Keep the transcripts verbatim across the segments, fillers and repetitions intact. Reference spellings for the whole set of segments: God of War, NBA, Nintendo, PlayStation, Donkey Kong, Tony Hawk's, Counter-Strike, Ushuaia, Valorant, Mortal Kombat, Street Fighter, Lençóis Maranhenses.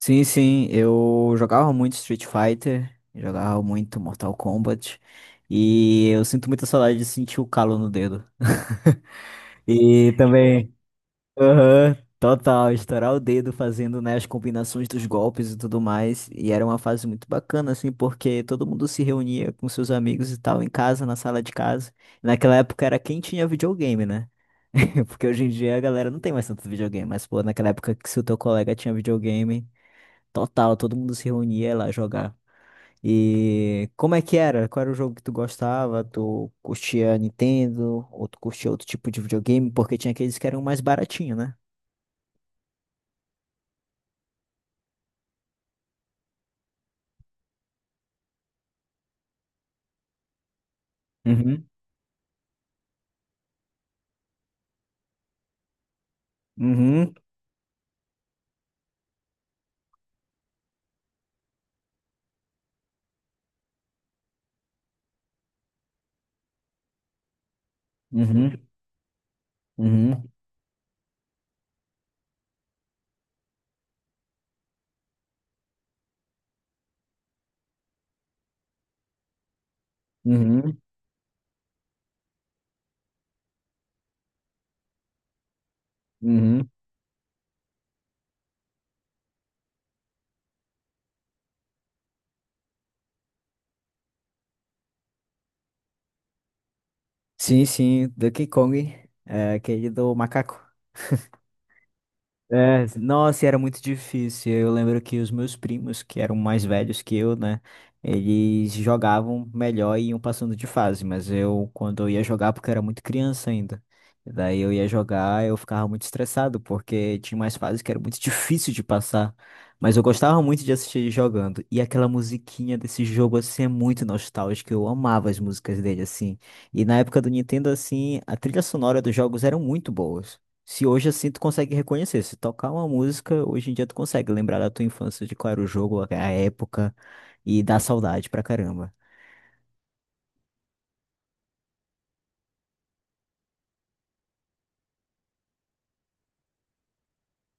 Sim, sim, eu jogava muito Street Fighter, jogava muito Mortal Kombat, e eu sinto muita saudade de sentir o calo no dedo. E também, aham, total, estourar o dedo fazendo, né, as combinações dos golpes e tudo mais. E era uma fase muito bacana, assim, porque todo mundo se reunia com seus amigos e tal, em casa, na sala de casa. Naquela época era quem tinha videogame, né? Porque hoje em dia a galera não tem mais tanto videogame, mas, pô, naquela época que se o teu colega tinha videogame. Total, todo mundo se reunia lá jogar. E como é que era? Qual era o jogo que tu gostava? Tu curtia Nintendo? Ou tu curtia outro tipo de videogame? Porque tinha aqueles que eram mais baratinho, né? Uhum, uhum, uhum, uhum, uhum, uhum. Sim, sim, Donkey Kong. É aquele do macaco. É, nossa, e era muito difícil. Eu lembro que os meus primos, que eram mais velhos que eu, né? Eles jogavam melhor e iam passando de fase, mas eu, quando eu ia jogar, porque eu era muito criança ainda. E Daí eu ia jogar, eu ficava muito estressado, porque tinha umas fases que era muito difícil de passar. Mas eu gostava muito de assistir ele jogando. E aquela musiquinha desse jogo, assim, é muito nostálgica. Eu amava as músicas dele, assim. E na época do Nintendo, assim, a trilha sonora dos jogos eram muito boas. Se hoje assim tu consegue reconhecer, se tocar uma música, hoje em dia tu consegue lembrar da tua infância, de qual era o jogo, a a época, e dá saudade pra caramba.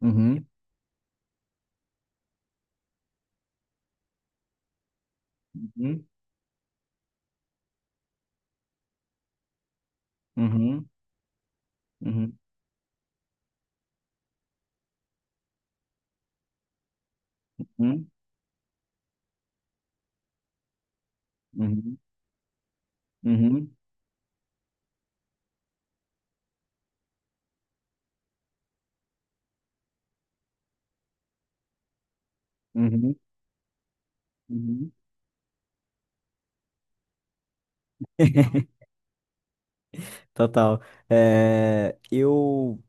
Uhum, uhum, uhum, uhum, uhum, uhum, uhum, uhum, uhum. Total. É, eu,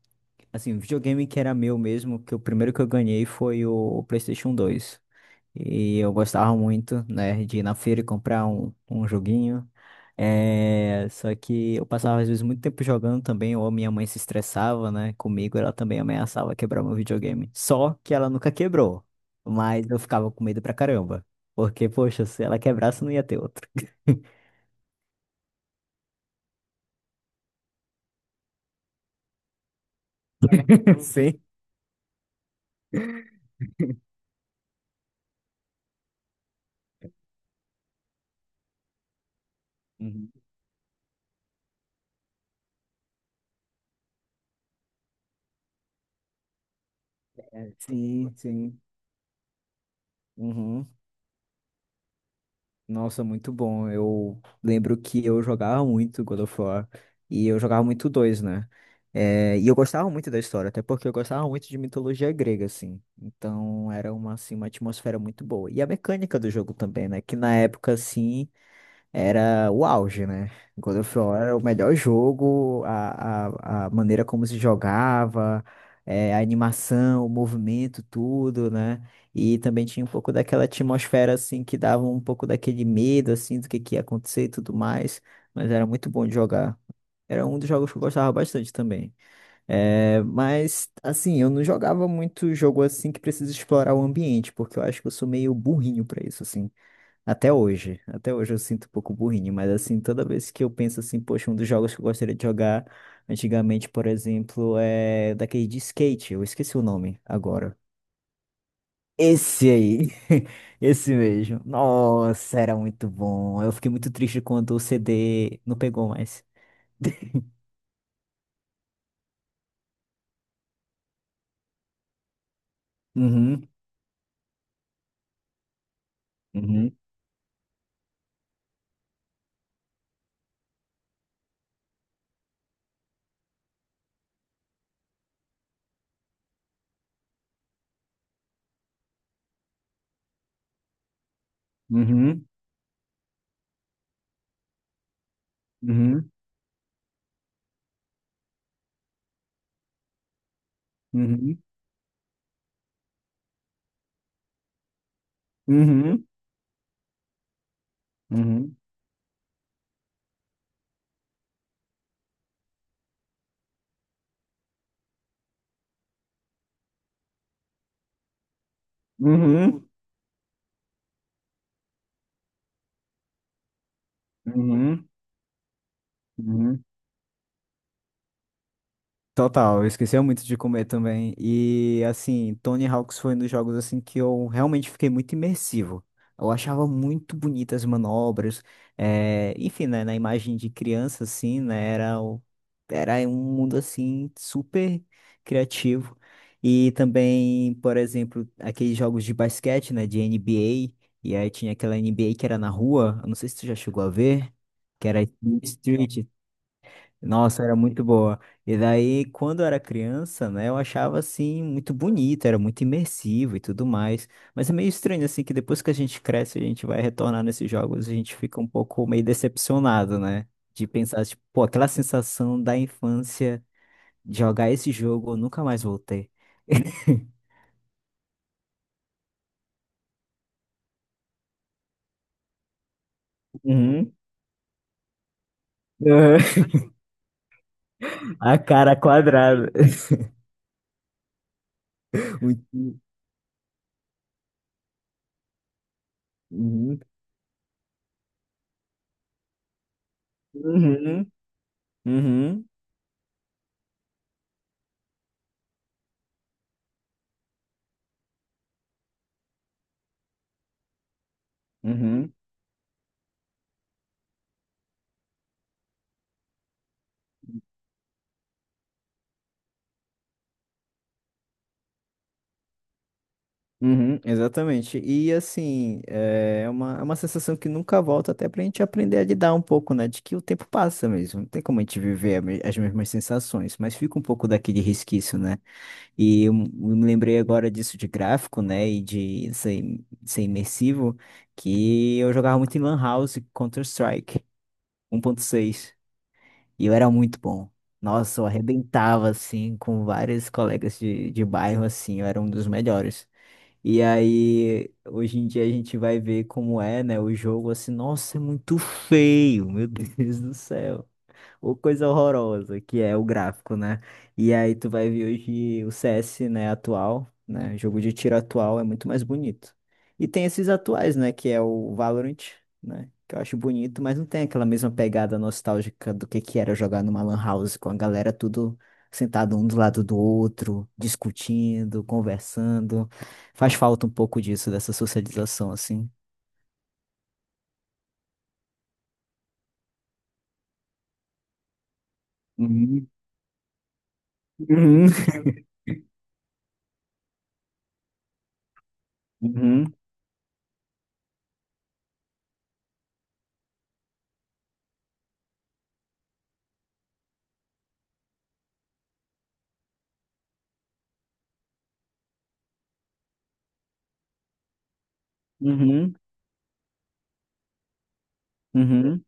assim, videogame que era meu mesmo, que o primeiro que eu ganhei foi o PlayStation dois E eu gostava muito, né, de ir na feira e comprar um, um joguinho. É, só que eu passava às vezes muito tempo jogando também, ou minha mãe se estressava, né, comigo, ela também ameaçava quebrar meu videogame. Só que ela nunca quebrou, mas eu ficava com medo pra caramba. Porque, poxa, se ela quebrasse, não ia ter outro. Sim. Uhum. É, sim, sim. Uhum. Nossa, muito bom. Eu lembro que eu jogava muito God of War e eu jogava muito dois, né? É, e eu gostava muito da história, até porque eu gostava muito de mitologia grega, assim. Então era uma, assim, uma atmosfera muito boa. E a mecânica do jogo também, né? Que na época, assim, era o auge, né? God of War era o melhor jogo, a, a, a maneira como se jogava, eh, a animação, o movimento, tudo, né? E também tinha um pouco daquela atmosfera, assim, que dava um pouco daquele medo, assim, do que, que ia acontecer e tudo mais. Mas era muito bom de jogar. Era um dos jogos que eu gostava bastante também. Eh, mas, assim, eu não jogava muito jogo assim que precisa explorar o ambiente, porque eu acho que eu sou meio burrinho pra isso, assim. Até hoje, até hoje eu sinto um pouco burrinho, mas assim, toda vez que eu penso assim, poxa, um dos jogos que eu gostaria de jogar antigamente, por exemplo, é daquele de skate, eu esqueci o nome agora. Esse aí, esse mesmo. Nossa, era muito bom. Eu fiquei muito triste quando o C D não pegou mais. Uhum, uhum, uhum, uhum, uhum, uhum, uhum, uhum, uhum, uhum, Total, eu esquecia muito de comer também. E assim, Tony Hawk's foi um dos jogos assim que eu realmente fiquei muito imersivo. Eu achava muito bonitas as manobras. eh, enfim, né, na imagem de criança, assim, né, era, o- era um mundo assim super criativo. E também, por exemplo, aqueles jogos de basquete, né, de N B A. E aí tinha aquela N B A que era na rua. Eu não sei se tu já chegou a ver, que era Street. Nossa, era muito boa. E daí, quando eu era criança, né, eu achava assim muito bonito, era muito imersivo e tudo mais. Mas é meio estranho assim que depois que a gente cresce, a gente vai retornar nesses jogos, a gente fica um pouco meio decepcionado, né? De pensar, tipo, pô, aquela sensação da infância de jogar esse jogo, eu nunca mais voltei. Uhum. Uhum. A cara quadrada. Muito- Uhum. Uhum. Uhum. Uhum. Uhum, exatamente. E assim, é uma, é uma sensação que nunca volta até pra gente aprender a lidar um pouco, né? De que o tempo passa mesmo. Não tem como a gente viver a me- as mesmas sensações, mas fica um pouco daquele resquício, né? E eu m- eu me lembrei agora disso de gráfico, né? E de ser, ser imersivo, que eu jogava muito em Lan House Counter-Strike um ponto seis. E eu era muito bom. Nossa, eu arrebentava, assim, com vários colegas de, de bairro, assim, eu era um dos melhores. E aí, hoje em dia a gente vai ver como é, né, o jogo assim, nossa, é muito feio, meu Deus do céu. Ou coisa horrorosa, que é o gráfico, né? E aí tu vai ver hoje o C S, né, atual, né? Jogo de tiro atual é muito mais bonito. E tem esses atuais, né, que é o Valorant, né? Que eu acho bonito, mas não tem aquela mesma pegada nostálgica do que que era jogar numa lan house com a galera tudo sentado um do lado do outro, discutindo, conversando. Faz falta um pouco disso, dessa socialização, assim. Uhum, uhum, uhum, uhum, uhum,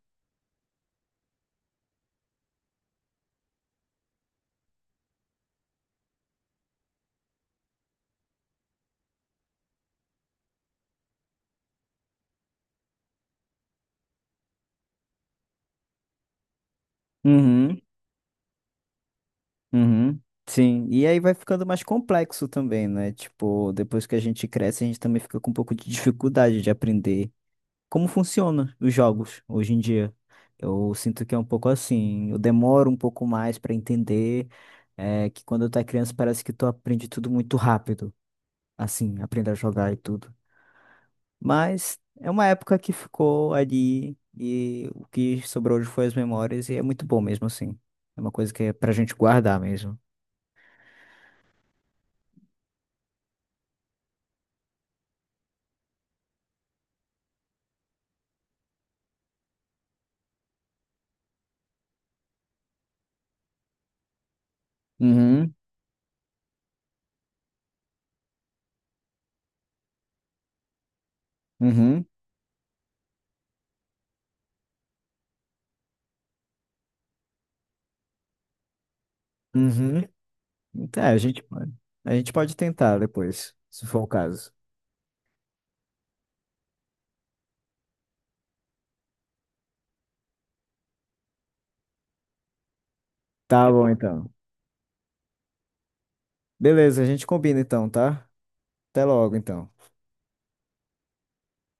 uhum. Uhum, sim, e aí vai ficando mais complexo também, né? Tipo, depois que a gente cresce, a gente também fica com um pouco de dificuldade de aprender como funciona os jogos hoje em dia. Eu sinto que é um pouco assim, eu demoro um pouco mais para entender, é, que quando eu tá criança parece que tu aprende tudo muito rápido, assim, aprender a jogar e tudo. Mas é uma época que ficou ali e o que sobrou hoje foi as memórias e é muito bom mesmo assim. É uma coisa que é pra gente guardar mesmo. Uhum, uhum, uhum. Tá, a gente pode. A gente pode tentar depois, se for o caso. Tá bom, então. Beleza, a gente combina então, tá? Até logo, então.